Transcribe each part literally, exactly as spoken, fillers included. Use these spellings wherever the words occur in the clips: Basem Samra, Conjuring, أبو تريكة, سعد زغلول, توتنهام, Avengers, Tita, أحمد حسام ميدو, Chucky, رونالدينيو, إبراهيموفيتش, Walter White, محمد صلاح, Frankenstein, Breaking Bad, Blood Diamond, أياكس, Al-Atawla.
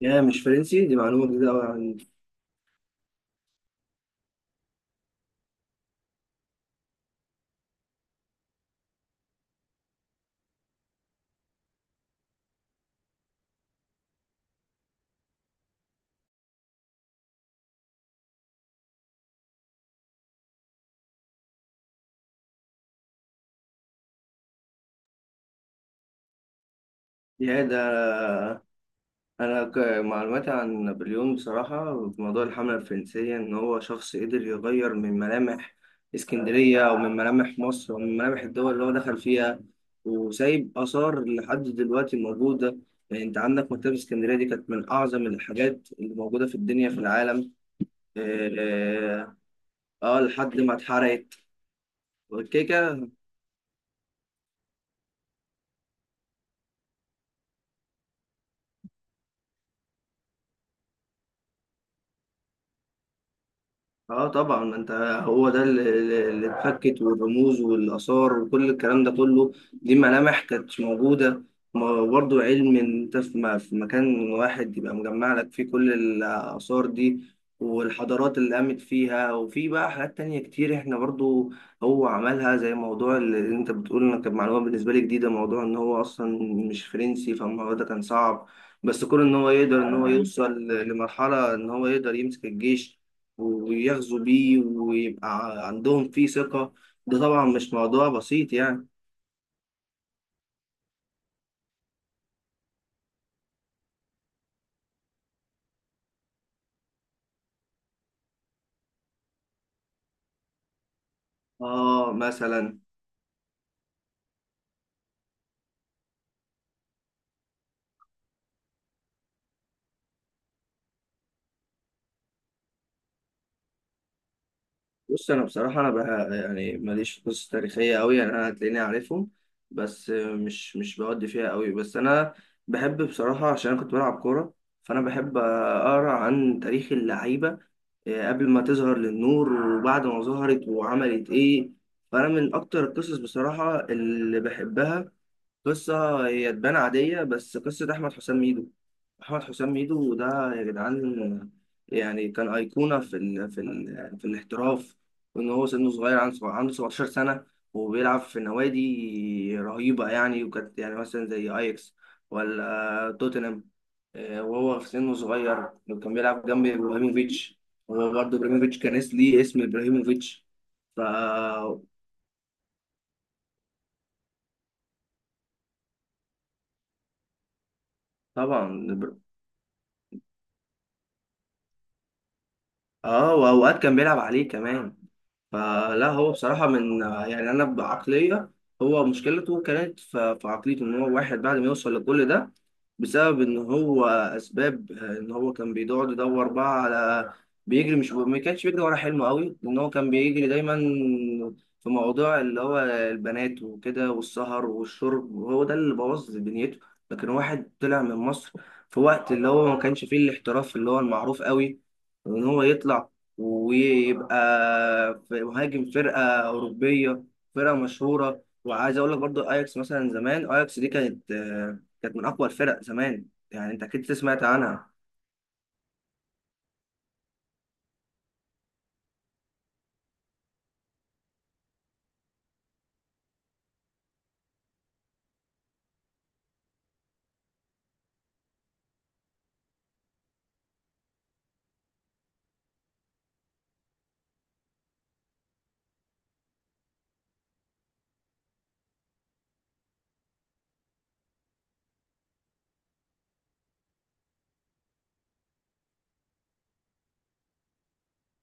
يا مش فرنسي دي معلومة جديدة أوي عن يا ده. أنا ك- معلوماتي عن نابليون بصراحة في موضوع الحملة الفرنسية إن هو شخص قدر يغير من ملامح اسكندرية أو من ملامح مصر أو من ملامح الدول اللي هو دخل فيها وسايب آثار لحد دلوقتي موجودة. يعني أنت عندك مكتبة اسكندرية دي كانت من أعظم الحاجات اللي موجودة في الدنيا في العالم. آه آه، آه، لحد ما اتحرقت والكيكة. اه طبعا، ما انت هو ده اللي اللي اتفكت والرموز والاثار وكل الكلام ده كله، دي ملامح كانت موجوده. ما برضو علم ان انت في م- في مكان واحد يبقى مجمع لك فيه كل الاثار دي والحضارات اللي قامت فيها، وفي بقى حاجات تانية كتير احنا برضو هو عملها. زي موضوع اللي انت بتقول، انا كانت معلومه بالنسبه لي جديده موضوع ان هو اصلا مش فرنسي، فالموضوع ده كان صعب. بس كون ان هو يقدر ان هو يوصل لمرحله ان هو يقدر يمسك الجيش ويغزو بيه ويبقى ع- عندهم فيه ثقة، ده طبعا مش موضوع بسيط يعني. اه مثلا. بص انا بصراحة انا بقى يعني ماليش في قصص تاريخية قوي، يعني انا هتلاقيني عارفهم بس مش مش بودي فيها قوي، بس انا بحب بصراحة، عشان انا كنت بلعب كورة فانا بحب اقرا عن تاريخ اللعيبة آه، قبل ما تظهر للنور وبعد ما ظهرت وعملت ايه. فانا من اكتر القصص بصراحة اللي بحبها قصة هي تبان عادية، بس قصة أحمد حسام ميدو. أحمد حسام ميدو ده يا جدعان يعني كان أيقونة في ال في ال في الاحتراف وإن هو سنه صغير، عنده سبع- عنده سبعة عشر سنة وبيلعب في نوادي رهيبة يعني، وكانت يعني مثلا زي أياكس ولا توتنهام. آه، وهو في سنه صغير كان بيلعب جنب إبراهيموفيتش. هو برضه إبراهيموفيتش كان اس- ليه اسم إبراهيموفيتش. فطبعا آه، وأوقات كان بيلعب عليه كمان. فلا هو بصراحة من يعني أنا بعقلية، هو مشكلته كانت في في عقليته، إن هو واحد بعد ما يوصل لكل ده بسبب إن هو أسباب، آه، إن هو كان بيقعد يدور بقى على، بيجري، مش ما كانش بيجري ورا حلمه قوي، لأن هو كان بيجري دايما في موضوع اللي هو البنات وكده والسهر والشرب، وهو ده اللي بوظ دنيته. لكن واحد طلع من مصر في وقت اللي هو ما كانش فيه الاحتراف اللي هو المعروف قوي، وإن هو يطلع ويبقى في مهاجم فرقة أوروبية، فرقة مشهورة. وعايز أقول لك برضو أياكس مثلا، زمان أياكس دي كانت، آه، كانت من أقوى الفرق زمان يعني، أنت أكيد سمعت عنها.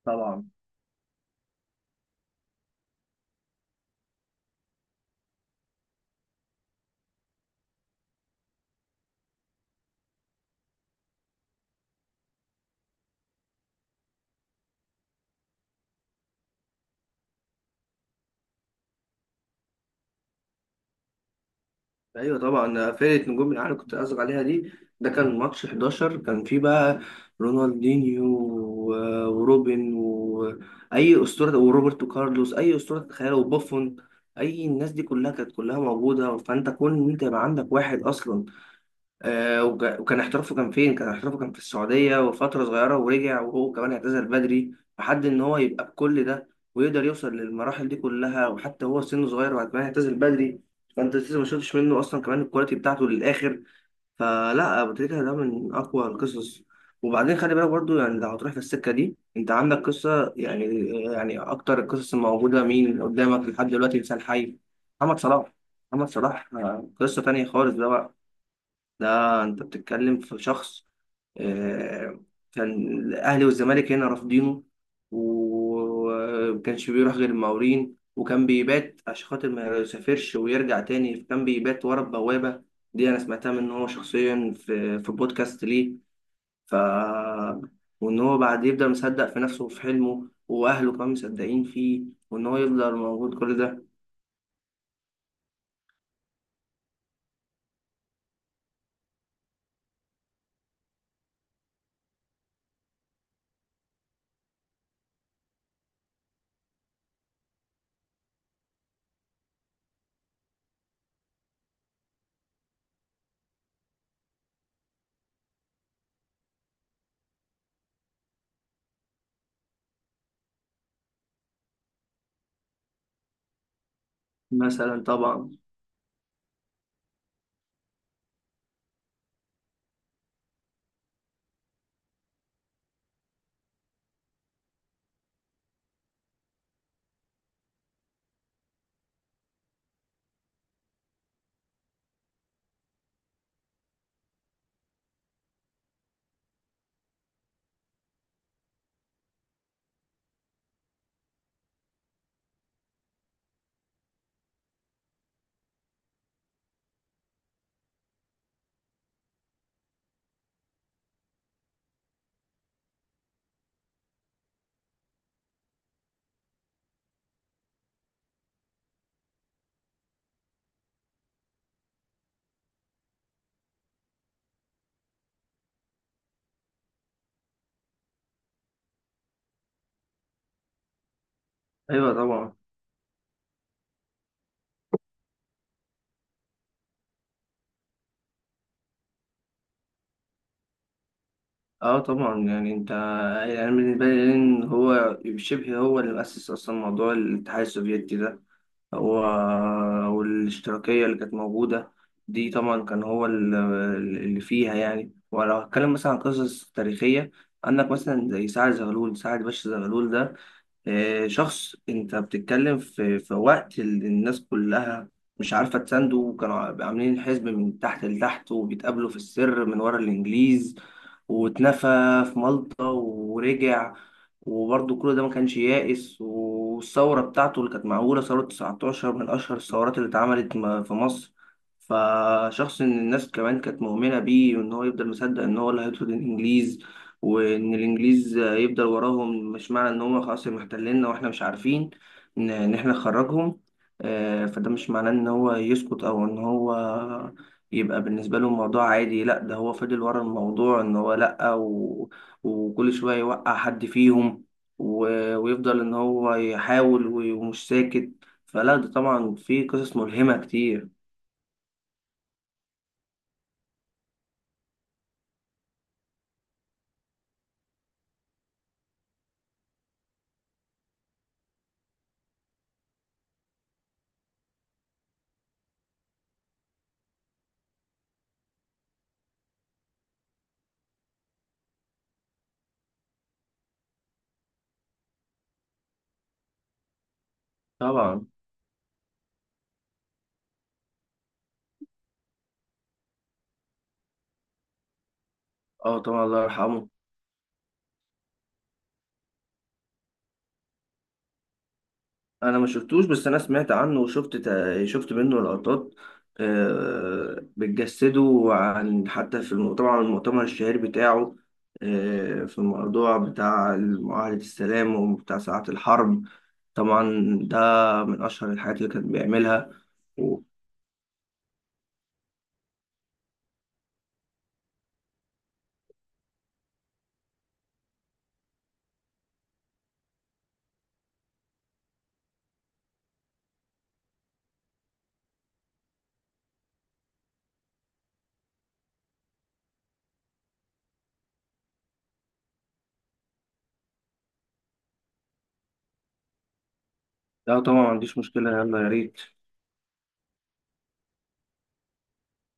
طبعا. أيوه طبعا، فرقة نجوم الأهلي كنت قصدك عليها دي. ده كان ماتش حداشر، كان فيه بقى رونالدينيو و- وروبن وأي أسطورة وروبرتو كارلوس أي أسطورة تتخيلها وبوفون، أي الناس دي كلها كانت كلها موجودة. فأنت كون إن أنت يبقى عندك واحد أصلا، آه، وج- وكان احترافه كان فين؟ كان احترافه كان في السعودية وفترة صغيرة ورجع، وهو كمان اعتزل بدري. لحد إن هو يبقى بكل ده ويقدر يوصل للمراحل دي كلها، وحتى هو سنه صغير وبعد كمان اعتزل بدري، فأنت لسه ما شفتش منه أصلا كمان الكواليتي بتاعته للآخر. فلا أبو تريكة ده من أقوى القصص. وبعدين خلي بالك برضو يعني، لو هتروح في السكة دي أنت عندك قصة يعني، يعني أكتر القصص الموجودة مين قدامك لحد دلوقتي إنسان حي، محمد صلاح. محمد صلاح آه، قصة تانية خالص ده بقى. ده انت بتتكلم في شخص، آه، كان الاهلي والزمالك هنا رافضينه ومكانش بيروح غير المقاولين، وكان بيبات عشان خاطر ما يسافرش ويرجع تاني، كان بيبات ورا البوابة. دي انا سمعتها منه هو شخصيا في في بودكاست ليه. ف، وان هو بعد يبدأ مصدق في نفسه وفي حلمه واهله كمان مصدقين فيه، وان هو يفضل موجود كل ده. مثلا طبعا. ايوه طبعا. اه طبعا، يعني انت يعني أنا بالنسبه لي ان هو شبه هو اللي مؤسس اصلا موضوع الاتحاد السوفيتي ده هو، والاشتراكيه اللي كانت موجوده دي طبعا كان هو ال- اللي فيها يعني. ولو هتكلم مثلا عن قصص تاريخيه، عندك مثلا زي سعد زغلول، سعد باشا زغلول ده آه، شخص انت بتتكلم في في وقت ال- الناس كلها مش عارفه تسانده، وكانوا عاملين الحزب من تحت لتحت وبيتقابلوا في السر من ورا الانجليز، واتنفى في مالطا ورجع. وبرضه كل ده ما كانش يائس، والثوره بتاعته اللي كانت معموله ثوره تسعة عشر من اشهر الثورات اللي اتعملت م- في مصر. فشخص ان الناس كمان كانت مؤمنه بيه، وان هو يفضل مصدق ان هو اللي هيطرد الانجليز، وان الانجليز يفضل وراهم. مش معنى ان هم خلاص محتليننا واحنا مش عارفين ان إن احنا نخرجهم، آه، فده مش معناه ان هو يسكت او ان هو يبقى بالنسبه له الموضوع عادي. لا ده هو فضل ورا الموضوع، ان هو لا، و... وكل شويه يوقع حد فيهم، و... ويفضل ان هو يحاول و- ومش ساكت. فلا ده طبعا في قصص ملهمه كتير. طبعا. اه طبعا، الله يرحمه. انا ما شفتوش بس انا سمعت عنه وشفت تا- شفت منه لقطات آه، بتجسده عن، حتى في الم- طبعا المؤتمر الشهير بتاعه، آه، في الموضوع بتاع معاهدة السلام وبتاع ساعة الحرب. طبعا ده من اشهر الحاجات اللي كان بيعملها. و- لا طبعا ما عنديش مشكلة، يلا يا ريت.